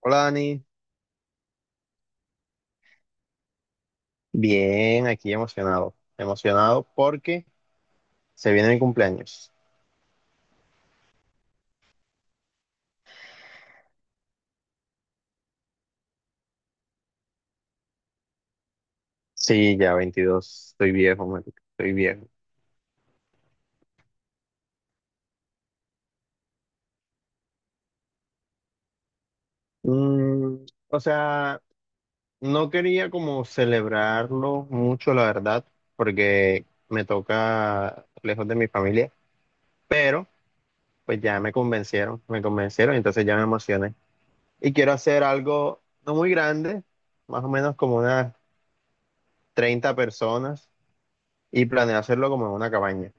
Hola Dani, bien, aquí emocionado porque se viene mi cumpleaños. Sí, ya 22, estoy viejo, marica, estoy viejo. Mm, o sea, no quería como celebrarlo mucho, la verdad, porque me toca lejos de mi familia, pero pues ya me convencieron, entonces ya me emocioné. Y quiero hacer algo no muy grande, más o menos como unas 30 personas, y planeo hacerlo como en una cabaña.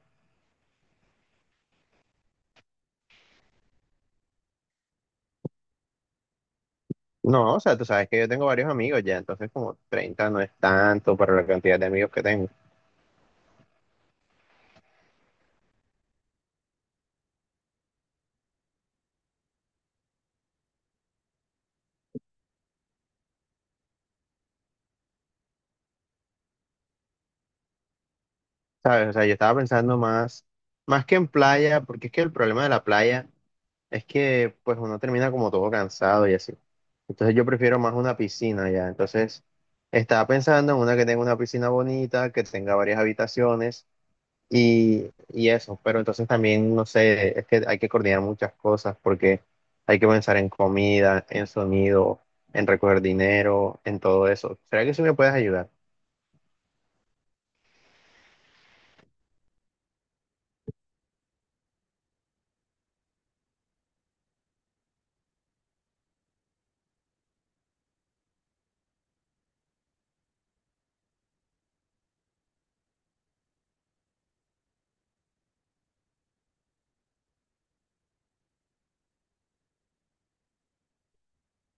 No, o sea, tú sabes que yo tengo varios amigos ya, entonces como 30 no es tanto para la cantidad de amigos que tengo, ¿sabes? O sea, yo estaba pensando más que en playa, porque es que el problema de la playa es que pues uno termina como todo cansado y así. Entonces yo prefiero más una piscina ya, entonces estaba pensando en una que tenga una piscina bonita, que tenga varias habitaciones. Y eso, pero entonces también, no sé, es que hay que coordinar muchas cosas porque hay que pensar en comida, en sonido, en recoger dinero, en todo eso. ¿Será que sí me puedes ayudar?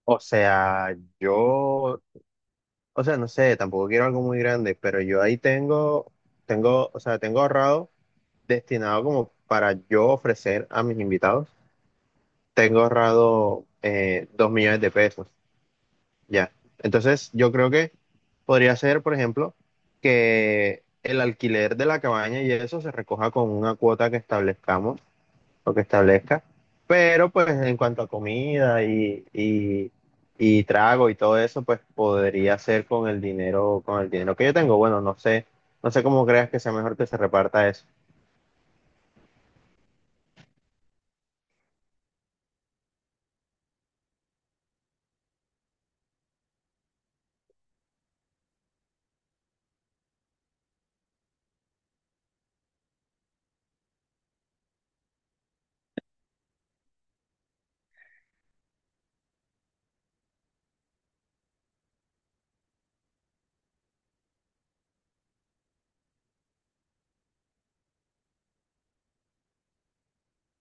O sea, yo, no sé, tampoco quiero algo muy grande, pero yo ahí tengo ahorrado destinado como para yo ofrecer a mis invitados, tengo ahorrado 2.000.000 de pesos. Ya. Entonces, yo creo que podría ser, por ejemplo, que el alquiler de la cabaña y eso se recoja con una cuota que establezcamos o que establezca, pero pues en cuanto a comida y trago y todo eso, pues podría ser con el dinero, que yo tengo. Bueno, no sé cómo creas que sea mejor que se reparta eso.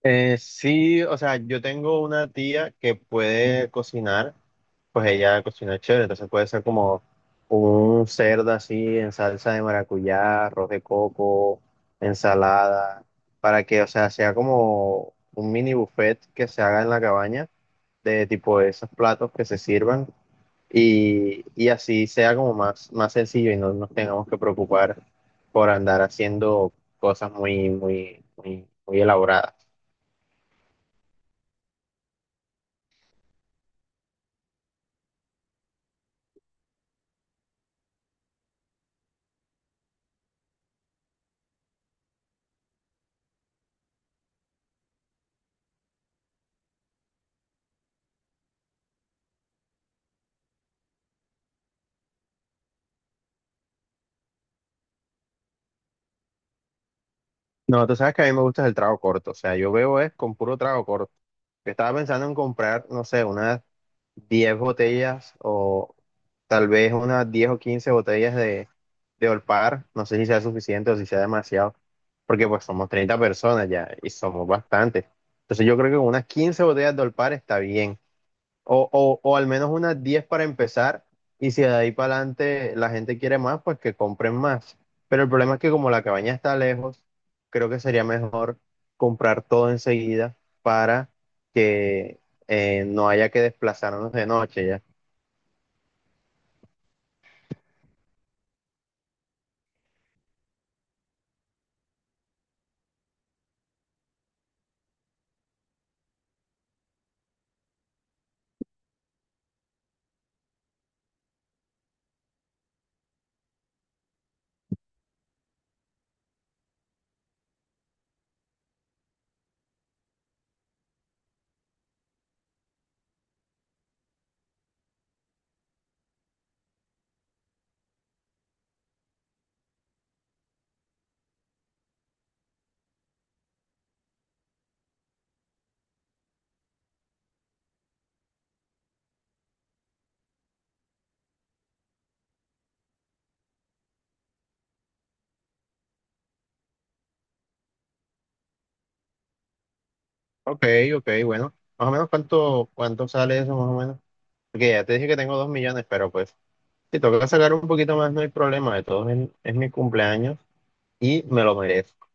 Sí, o sea, yo tengo una tía que puede cocinar. Pues ella cocina chévere, entonces puede ser como un cerdo así en salsa de maracuyá, arroz de coco, ensalada, para que, o sea, sea como un mini buffet que se haga en la cabaña de tipo esos platos que se sirvan y así sea como más sencillo y no nos tengamos que preocupar por andar haciendo cosas muy elaboradas. No, tú sabes que a mí me gusta el trago corto, o sea, yo veo es con puro trago corto. Yo estaba pensando en comprar, no sé, unas 10 botellas o tal vez unas 10 o 15 botellas de Olpar, no sé si sea suficiente o si sea demasiado, porque pues somos 30 personas ya y somos bastantes. Entonces yo creo que con unas 15 botellas de Olpar está bien. O al menos unas 10 para empezar, y si de ahí para adelante la gente quiere más, pues que compren más. Pero el problema es que como la cabaña está lejos, creo que sería mejor comprar todo enseguida para que no haya que desplazarnos de noche ya. Ok, ok, bueno. Más o menos cuánto sale eso, más o menos. Porque ya te dije que tengo 2.000.000, pero pues si toca sacar un poquito más, no hay problema. De todos es mi cumpleaños y me lo merezco.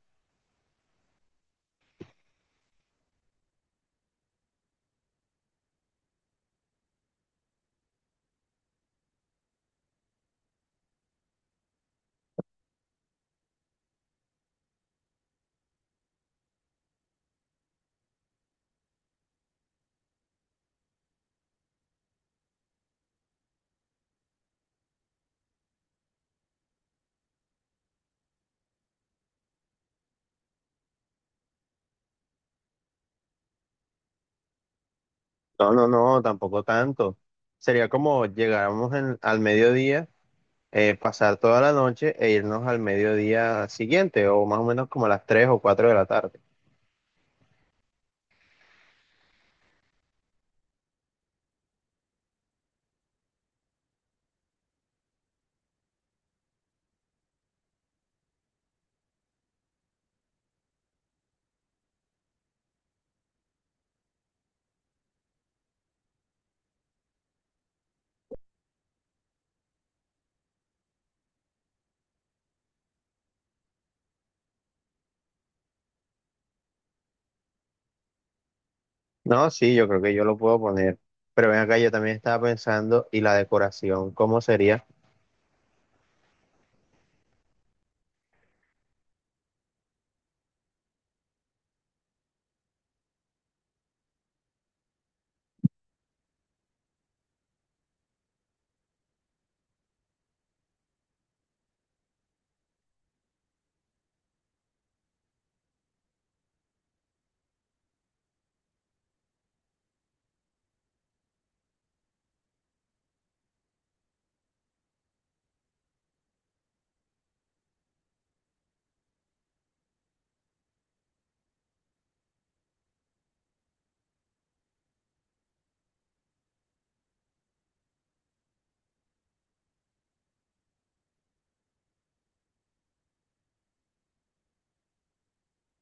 No, no, no, tampoco tanto. Sería como al mediodía, pasar toda la noche e irnos al mediodía siguiente, o más o menos como a las 3 o 4 de la tarde. No, sí, yo creo que yo lo puedo poner. Pero ven acá, yo también estaba pensando, ¿y la decoración? ¿Cómo sería?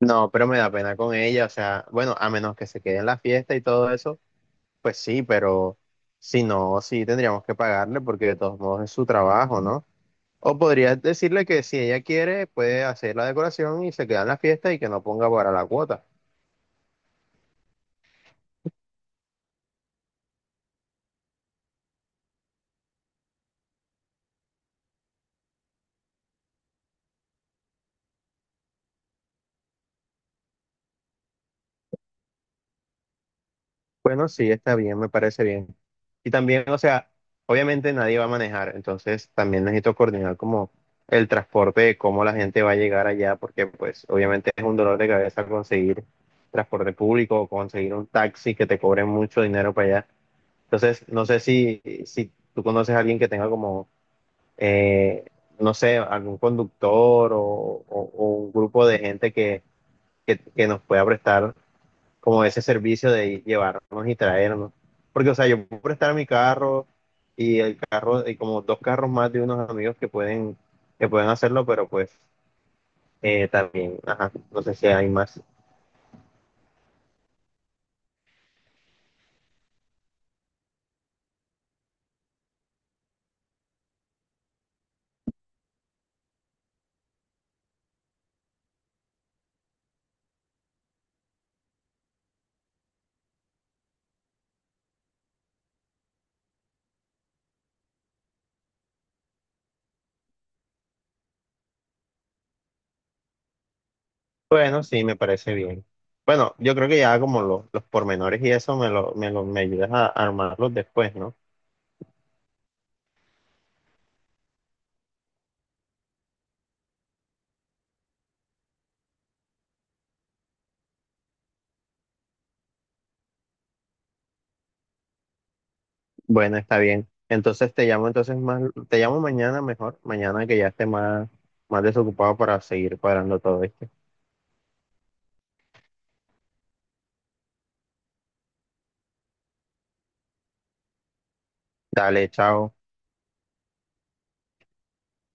No, pero me da pena con ella, o sea, bueno, a menos que se quede en la fiesta y todo eso, pues sí, pero si no, sí tendríamos que pagarle porque de todos modos es su trabajo, ¿no? O podrías decirle que si ella quiere, puede hacer la decoración y se queda en la fiesta y que no ponga para la cuota. Bueno, sí, está bien, me parece bien. Y también, o sea, obviamente nadie va a manejar, entonces también necesito coordinar como el transporte de cómo la gente va a llegar allá, porque pues obviamente es un dolor de cabeza conseguir transporte público o conseguir un taxi que te cobre mucho dinero para allá. Entonces, no sé si tú conoces a alguien que tenga como eh, no sé, algún conductor o un grupo de gente que nos pueda prestar como ese servicio de llevarnos y traernos. Porque, o sea, yo puedo prestar mi carro y el carro, y como dos carros más de unos amigos que que pueden hacerlo, pero pues también, ajá, no sé si hay más. Bueno, sí, me parece bien. Bueno, yo creo que ya como los pormenores y eso me ayudas a armarlos después, ¿no? Bueno, está bien. Entonces te llamo mañana mejor, mañana que ya esté más desocupado para seguir cuadrando todo esto. Dale, chao.